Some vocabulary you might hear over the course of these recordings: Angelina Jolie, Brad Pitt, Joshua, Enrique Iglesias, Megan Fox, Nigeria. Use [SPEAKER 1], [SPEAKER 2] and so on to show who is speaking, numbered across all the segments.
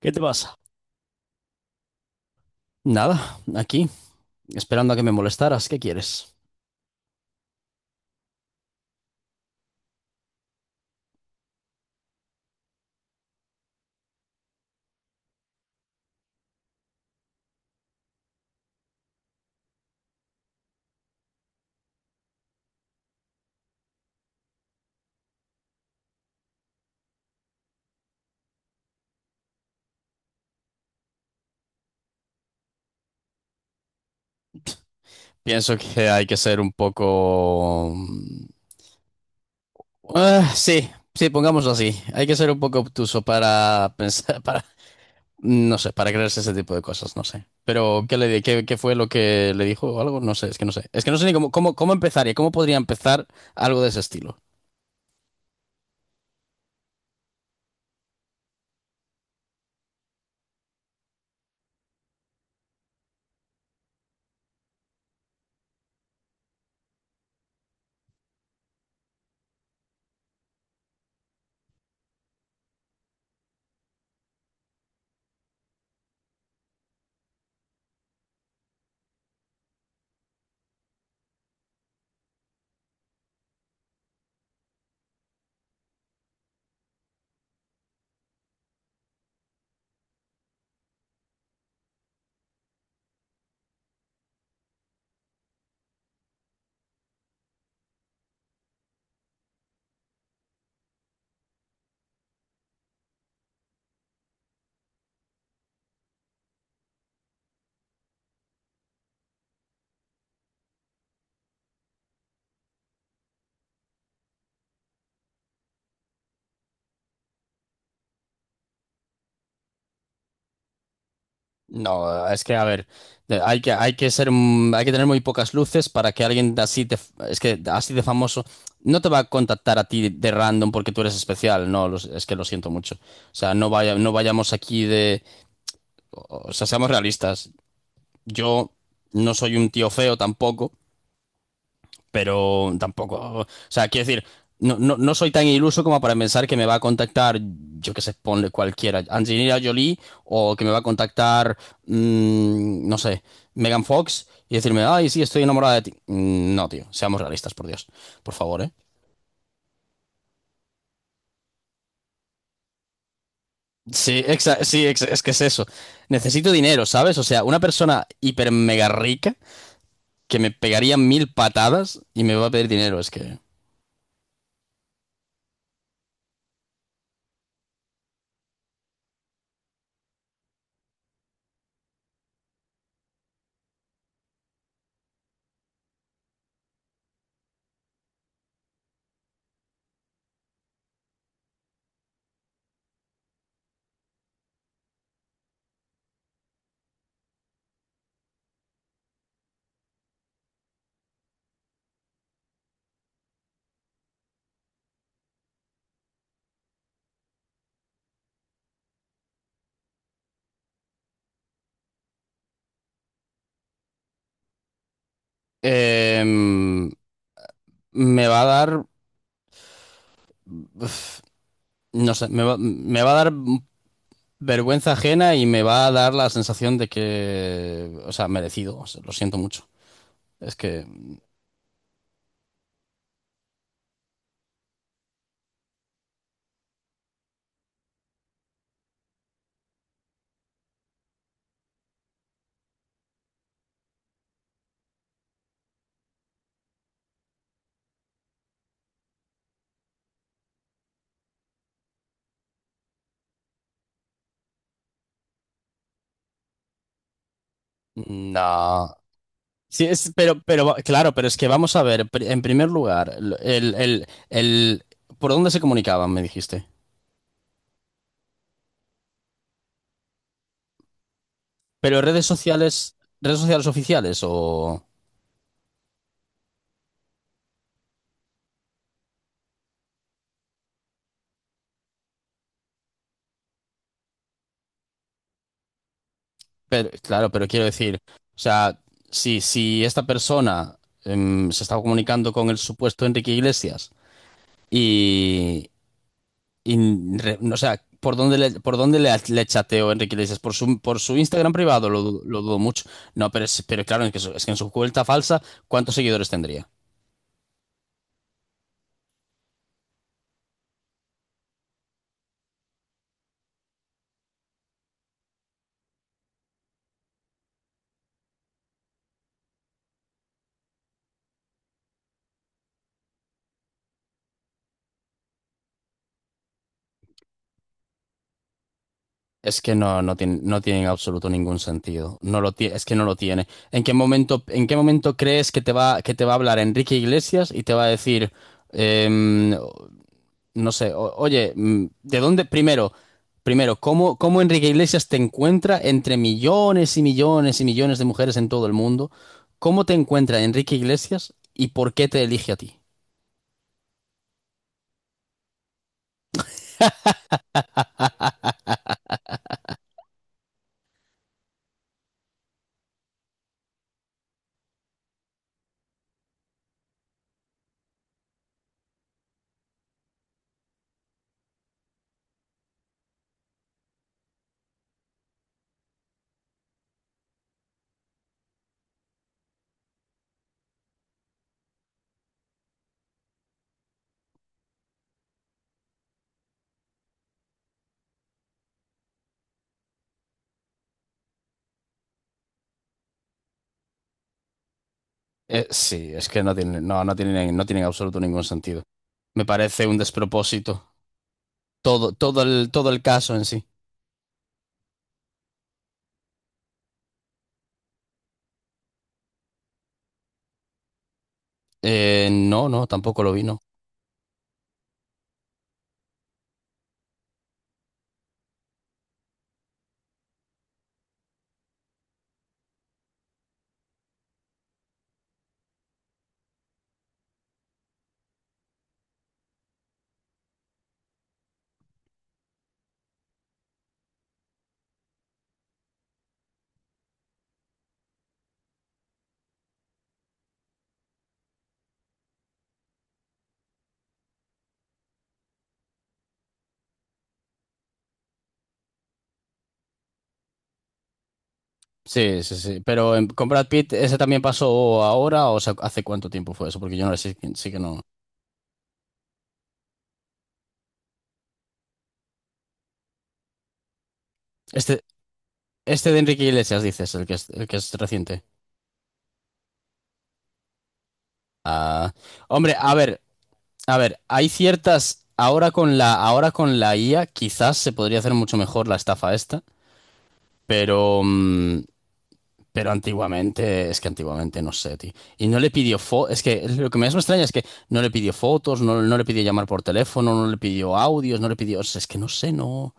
[SPEAKER 1] ¿Qué te pasa? Nada, aquí, esperando a que me molestaras. ¿Qué quieres? Pienso que hay que ser un poco... Ah, sí, sí, pongámoslo así. Hay que ser un poco obtuso para pensar, para... No sé, para creerse ese tipo de cosas, no sé. Pero, ¿qué, qué fue lo que le dijo o algo? No sé, es que no sé. Es que no sé ni cómo empezaría, cómo podría empezar algo de ese estilo. No, es que a ver, hay que ser, hay que tener muy pocas luces para que alguien de así de, f- es que de- así de famoso no te va a contactar a ti de random porque tú eres especial, no, es que lo siento mucho. O sea, no vayamos aquí de, o sea, seamos realistas. Yo no soy un tío feo tampoco pero tampoco. O sea, quiero decir, no soy tan iluso como para pensar que me va a contactar, yo qué sé, ponle cualquiera, Angelina Jolie, o que me va a contactar, no sé, Megan Fox, y decirme, ay, sí, estoy enamorada de ti. No, tío, seamos realistas, por Dios, por favor, ¿eh? Sí, sí, es que es eso. Necesito dinero, ¿sabes? O sea, una persona hiper mega rica que me pegaría mil patadas y me va a pedir dinero, es que... Em, me va a dar... uf. No sé, me va a dar vergüenza ajena y me va a dar la sensación de que, o sea, merecido, o sea, lo siento mucho. Es que, no. Sí, es, pero, claro, pero es que vamos a ver, en primer lugar, ¿por dónde se comunicaban, me dijiste? Pero redes sociales, ¿redes sociales oficiales o...? Pero claro, pero quiero decir, o sea, si esta persona se estaba comunicando con el supuesto Enrique Iglesias y... Y, no, o sea, ¿por dónde le, le chateo Enrique Iglesias? Por su Instagram privado? Lo, lo dudo mucho. No, pero, pero claro, es que, es que en su cuenta falsa, ¿cuántos seguidores tendría? Es que no, no tiene, no tiene en absoluto ningún sentido. No lo tie- Es que no lo tiene. ¿En qué momento, ¿en qué momento crees que que te va a hablar Enrique Iglesias y te va a decir, em, no sé, oye, ¿de dónde? Primero, primero, ¿cómo, cómo Enrique Iglesias te encuentra entre millones y millones y millones de mujeres en todo el mundo? ¿Cómo te encuentra Enrique Iglesias y por qué te elige a ti? Sí, es que no tiene, no, no tiene, no tiene en absoluto ningún sentido. Me parece un despropósito. Todo, todo el caso en sí. No, no, tampoco lo vi, no. Sí, sí, sí. Pero con Brad Pitt, ¿ese también pasó ahora o sea, hace cuánto tiempo fue eso? Porque yo no sé, sí que no. Este, Este de Enrique Iglesias, dices, el que es reciente. Ah, hombre, a ver, hay ciertas. Ahora con la IA, quizás se podría hacer mucho mejor la estafa esta, pero, pero antiguamente, es que antiguamente no sé, tío. Y no le pidió fo, es que lo que más me extraña es que no le pidió fotos, no, no le pidió llamar por teléfono, no le pidió audios, no le pidió, o sea, es que no sé, no.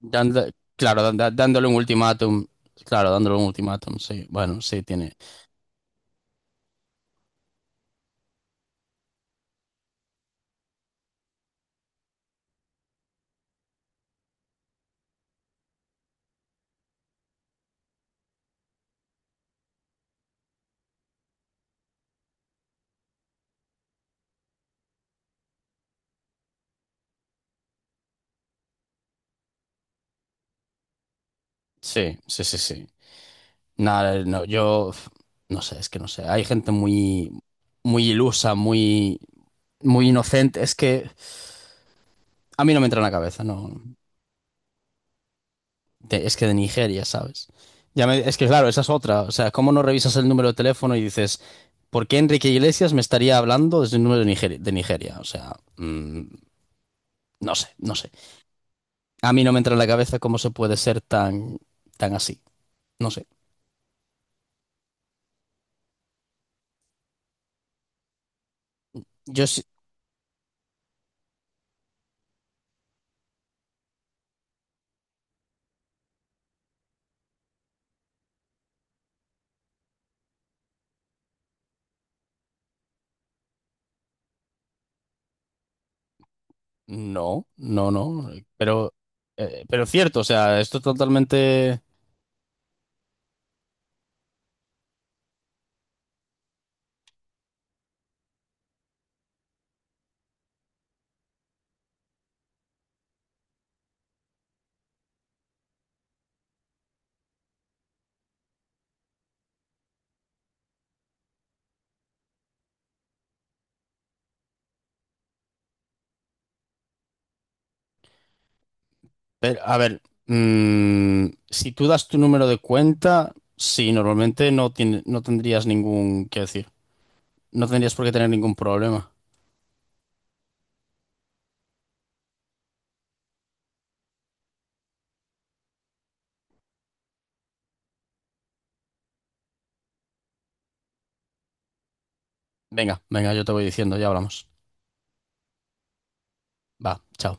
[SPEAKER 1] Dando- claro, dándole un ultimátum, claro, dándole un ultimátum, sí, bueno, sí, tiene, sí, sí, sí, sí. Nada, no, yo no sé, es que no sé. Hay gente muy, muy ilusa, muy, muy inocente. Es que a mí no me entra en la cabeza, no. Es que de Nigeria, ¿sabes? Es que claro, esa es otra. O sea, ¿cómo no revisas el número de teléfono y dices, ¿por qué Enrique Iglesias me estaría hablando desde un número de Nigeria? ¿De Nigeria? O sea, no sé, no sé. A mí no me entra en la cabeza cómo se puede ser tan, tan así. No sé. Yo, sí. No, no, no, pero cierto, o sea, esto totalmente... pero, a ver, si tú das tu número de cuenta, sí, normalmente no tiene, no tendrías ningún, qué decir, no tendrías por qué tener ningún problema. Venga, venga, yo te voy diciendo, ya hablamos. Va, chao.